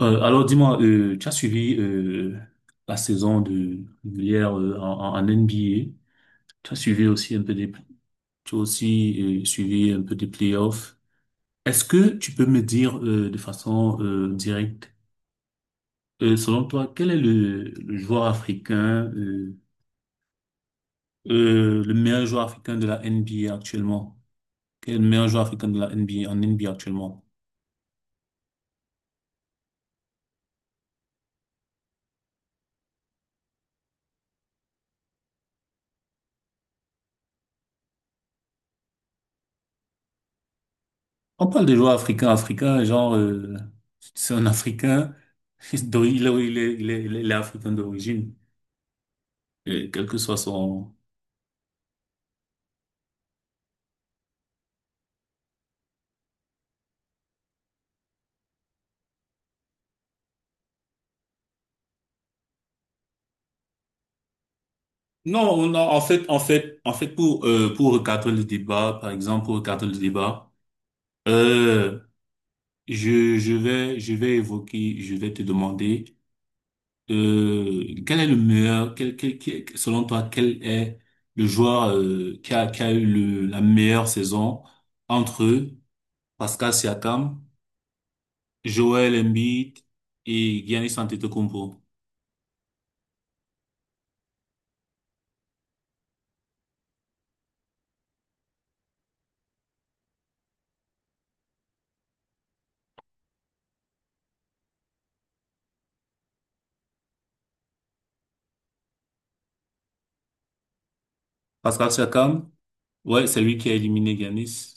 Alors dis-moi, tu as suivi, la saison de hier, en NBA. Tu as suivi aussi un peu des, tu as aussi suivi un peu des playoffs. Est-ce que tu peux me dire, de façon directe, selon toi, quel est le joueur africain, le meilleur joueur africain de la NBA actuellement? Quel est le meilleur joueur africain de la NBA en NBA actuellement? On parle de joueurs africains, africains, genre, c'est un Africain, il est africain d'origine, quel que soit son... Non, non, en fait, en fait, en fait, pour recadrer le débat, par exemple, pour recadrer le débat, euh, je vais évoquer, je vais te demander, quel est le meilleur, selon toi, quel est le joueur, qui a eu la meilleure saison entre Pascal Siakam, Joel Embiid et Giannis Antetokounmpo. Pascal Siakam, ouais, c'est lui qui a éliminé Giannis.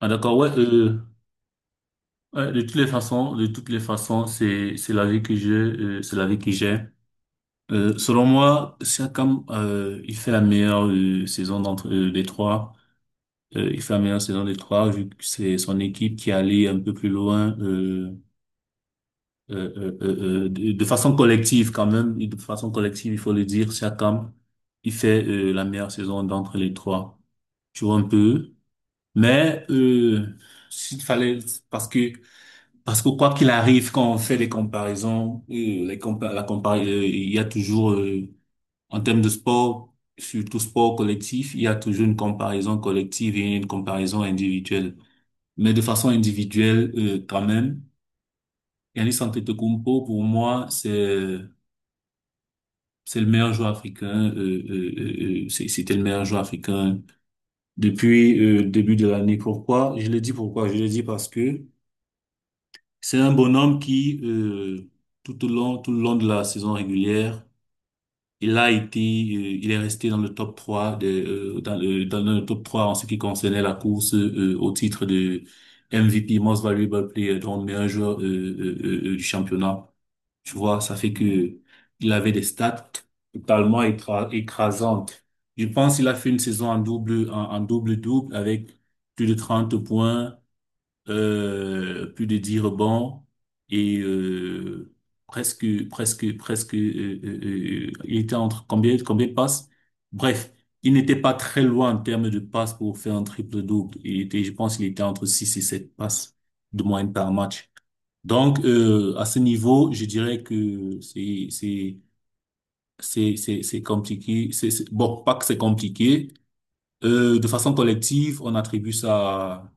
Ah, d'accord, ouais, ouais, de toutes les façons, de toutes les façons, c'est la vie que j'ai, c'est la vie que j'ai. Selon moi, Siakam, il fait la meilleure, saison d'entre, des trois. Il fait la meilleure saison des trois vu que c'est son équipe qui est allée un peu plus loin. Euh, de façon collective quand même, et de façon collective, il faut le dire, Siakam, il fait la meilleure saison d'entre les trois. Tu vois un peu. Mais s'il fallait, parce que parce que quoi qu'il arrive, quand on fait des comparaisons, les compa la compar il y a toujours, en termes de sport, surtout sport collectif, il y a toujours une comparaison collective et une comparaison individuelle. Mais de façon individuelle, quand même, Giannis Antetokounmpo, pour moi, c'est le meilleur joueur africain. C'était le meilleur joueur africain depuis, le début de l'année. Pourquoi? Je le dis pourquoi? Je le dis parce que c'est un bonhomme qui, tout le long de la saison régulière, il est resté dans le top 3, dans le top 3 en ce qui concernait la course, au titre de MVP, Most Valuable Player, donc meilleur joueur, du championnat. Tu vois, ça fait que il avait des stats totalement écrasantes. Je pense qu'il a fait une saison en double, en double-double avec plus de 30 points, plus de 10 rebonds et, presque, presque, presque, il était entre combien, combien de passes? Bref, il n'était pas très loin en termes de passes pour faire un triple-double. Je pense qu'il était entre 6 et 7 passes de moyenne par match. Donc, à ce niveau, je dirais que c'est compliqué. Bon, pas que c'est compliqué. De façon collective, on attribue ça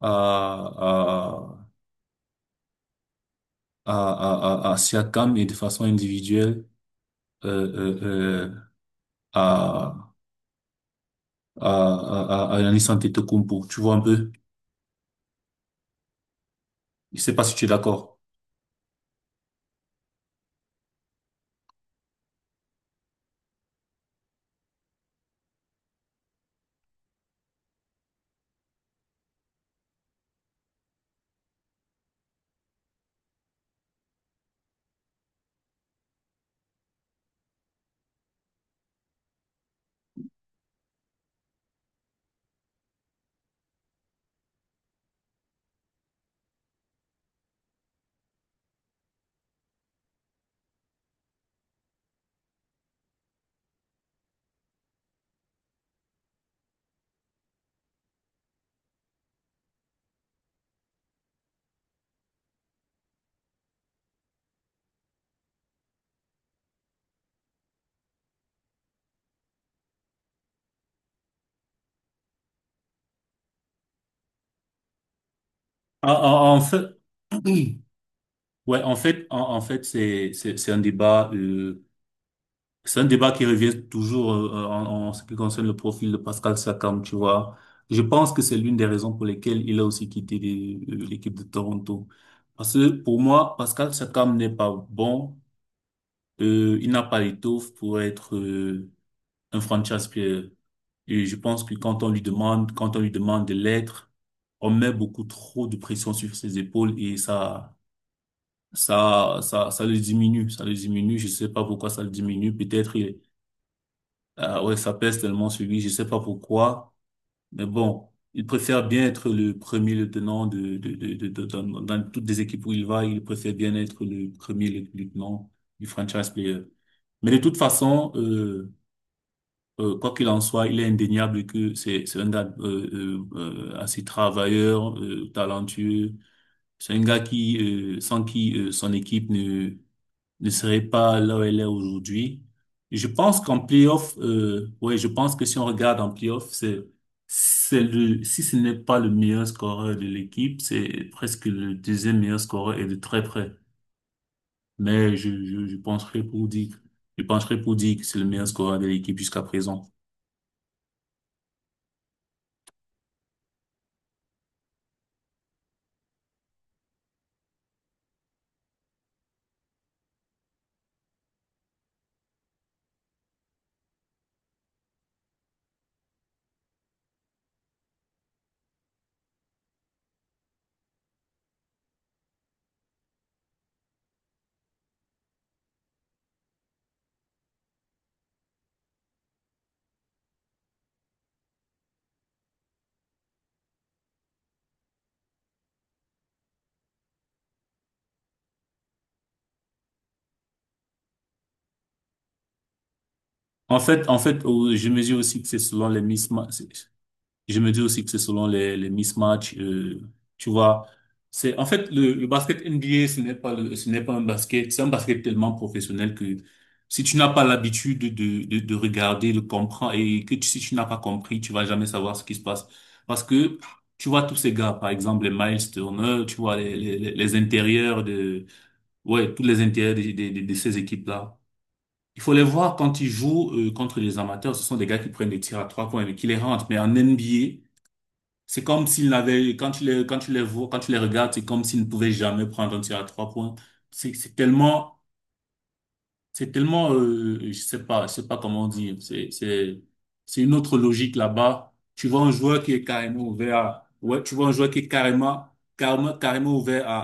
à à à Siakam et de façon individuelle, euh, euh, euh, à à Giannis Antetokounmpo. Tu vois un peu? Je sais pas si tu es d'accord. En fait, ouais, en fait, en fait, c'est un débat. C'est un débat qui revient toujours, en ce qui concerne le profil de Pascal Siakam, tu vois. Je pense que c'est l'une des raisons pour lesquelles il a aussi quitté l'équipe de Toronto. Parce que pour moi, Pascal Siakam n'est pas bon. Il n'a pas l'étoffe pour être, un franchise player. Et je pense que quand on lui demande de l'être, on met beaucoup trop de pression sur ses épaules et ça le diminue. Ça le diminue. Je sais pas pourquoi ça le diminue. Peut-être. Ah ouais, ça pèse tellement sur lui, je sais pas pourquoi, mais bon, il préfère bien être le premier lieutenant dans toutes les équipes où il va, il préfère bien être le premier lieutenant du franchise player. Mais de toute façon, quoi qu'il en soit, il est indéniable que c'est un gars, assez travailleur, talentueux. C'est un gars qui, sans qui son équipe ne serait pas là où elle est aujourd'hui. Je pense qu'en playoff, ouais, je pense que si on regarde en playoff, si ce n'est pas le meilleur scoreur de l'équipe, c'est presque le deuxième meilleur scoreur et de très près. Mais je je pencherai pour dire que c'est le meilleur scoreur de l'équipe jusqu'à présent. En fait, au- je mesure aussi que c'est selon les mismatchs, je me dis aussi que c'est selon les mismatchs, tu vois. C'est, en fait, le basket NBA, ce n'est pas un basket, c'est un basket tellement professionnel que si tu n'as pas l'habitude de regarder, de comprendre et si tu n'as pas compris, tu vas jamais savoir ce qui se passe. Parce que tu vois tous ces gars, par exemple, les Miles Turner, tu vois les intérieurs ouais, tous les intérieurs ces équipes-là. Il faut les voir quand ils jouent, contre les amateurs, ce sont des gars qui prennent des tirs à trois points et qui les rentrent. Mais en NBA, c'est comme s'il n'avait, quand tu les vois, quand tu les regardes, c'est comme s'il ne pouvait jamais prendre un tir à trois points. C'est c'est tellement c'est tellement, je sais pas comment dire. C'est une autre logique là-bas. Tu vois un joueur qui est carrément ouvert à, ouais, tu vois un joueur qui est carrément, carrément, carrément ouvert à,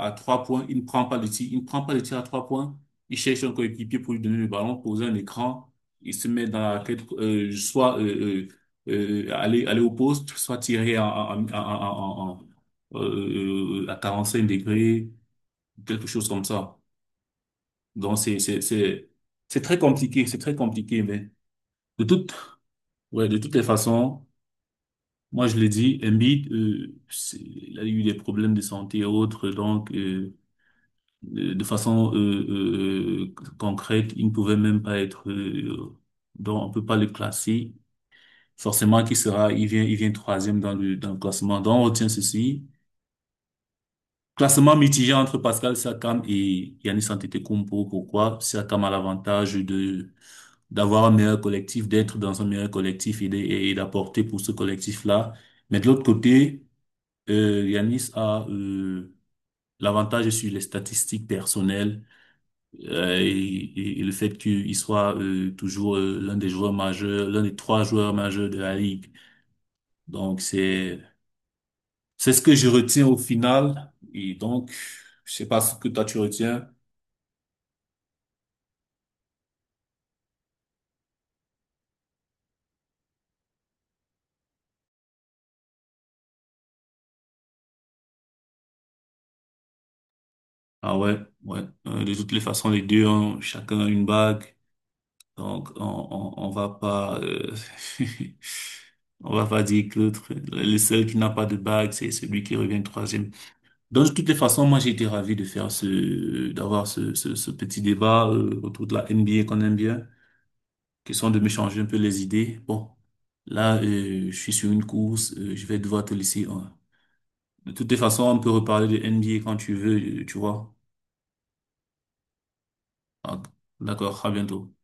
à, à, à trois points. Il ne prend pas le tir. Il ne prend pas le tir à trois points. Il cherche un coéquipier pour lui donner le ballon, poser un écran. Il se met dans la tête, soit, aller au poste, soit tirer à 45 degrés, quelque chose comme ça. Donc, c'est très compliqué, c'est très compliqué, mais de toute, ouais, de toutes les façons, moi, je l'ai dit, Embiid, il a eu des problèmes de santé et autres, donc, de façon, concrète, il ne pouvait même pas être, donc, on peut pas le classer. Forcément, il vient troisième dans le classement. Donc, on retient ceci. Classement mitigé entre Pascal Siakam et Giannis Antetokounmpo. Pourquoi? Siakam a l'avantage de d'avoir un meilleur collectif, d'être dans un meilleur collectif et d'apporter pour ce collectif-là. Mais de l'autre côté, Giannis a, l'avantage sur les statistiques personnelles, et le fait qu'il soit, toujours, l'un des joueurs majeurs, l'un des trois joueurs majeurs de la ligue. Donc c'est ce que je retiens au final. Et donc, je sais pas ce que toi tu retiens. Ah ouais, ouais. De toutes les façons, les deux ont chacun une bague. Donc, on va pas, on va pas dire que l'autre, le seul qui n'a pas de bague, c'est celui qui revient troisième. Donc, de toutes les façons, moi, j'ai été ravi de d'avoir ce petit débat, autour de la NBA qu'on aime bien, question de m'échanger un peu les idées. Bon. Là, je suis sur une course, je vais devoir te laisser, hein. De toutes les façons, on peut reparler de NBA quand tu veux, tu vois. Ah, d'accord, à bientôt.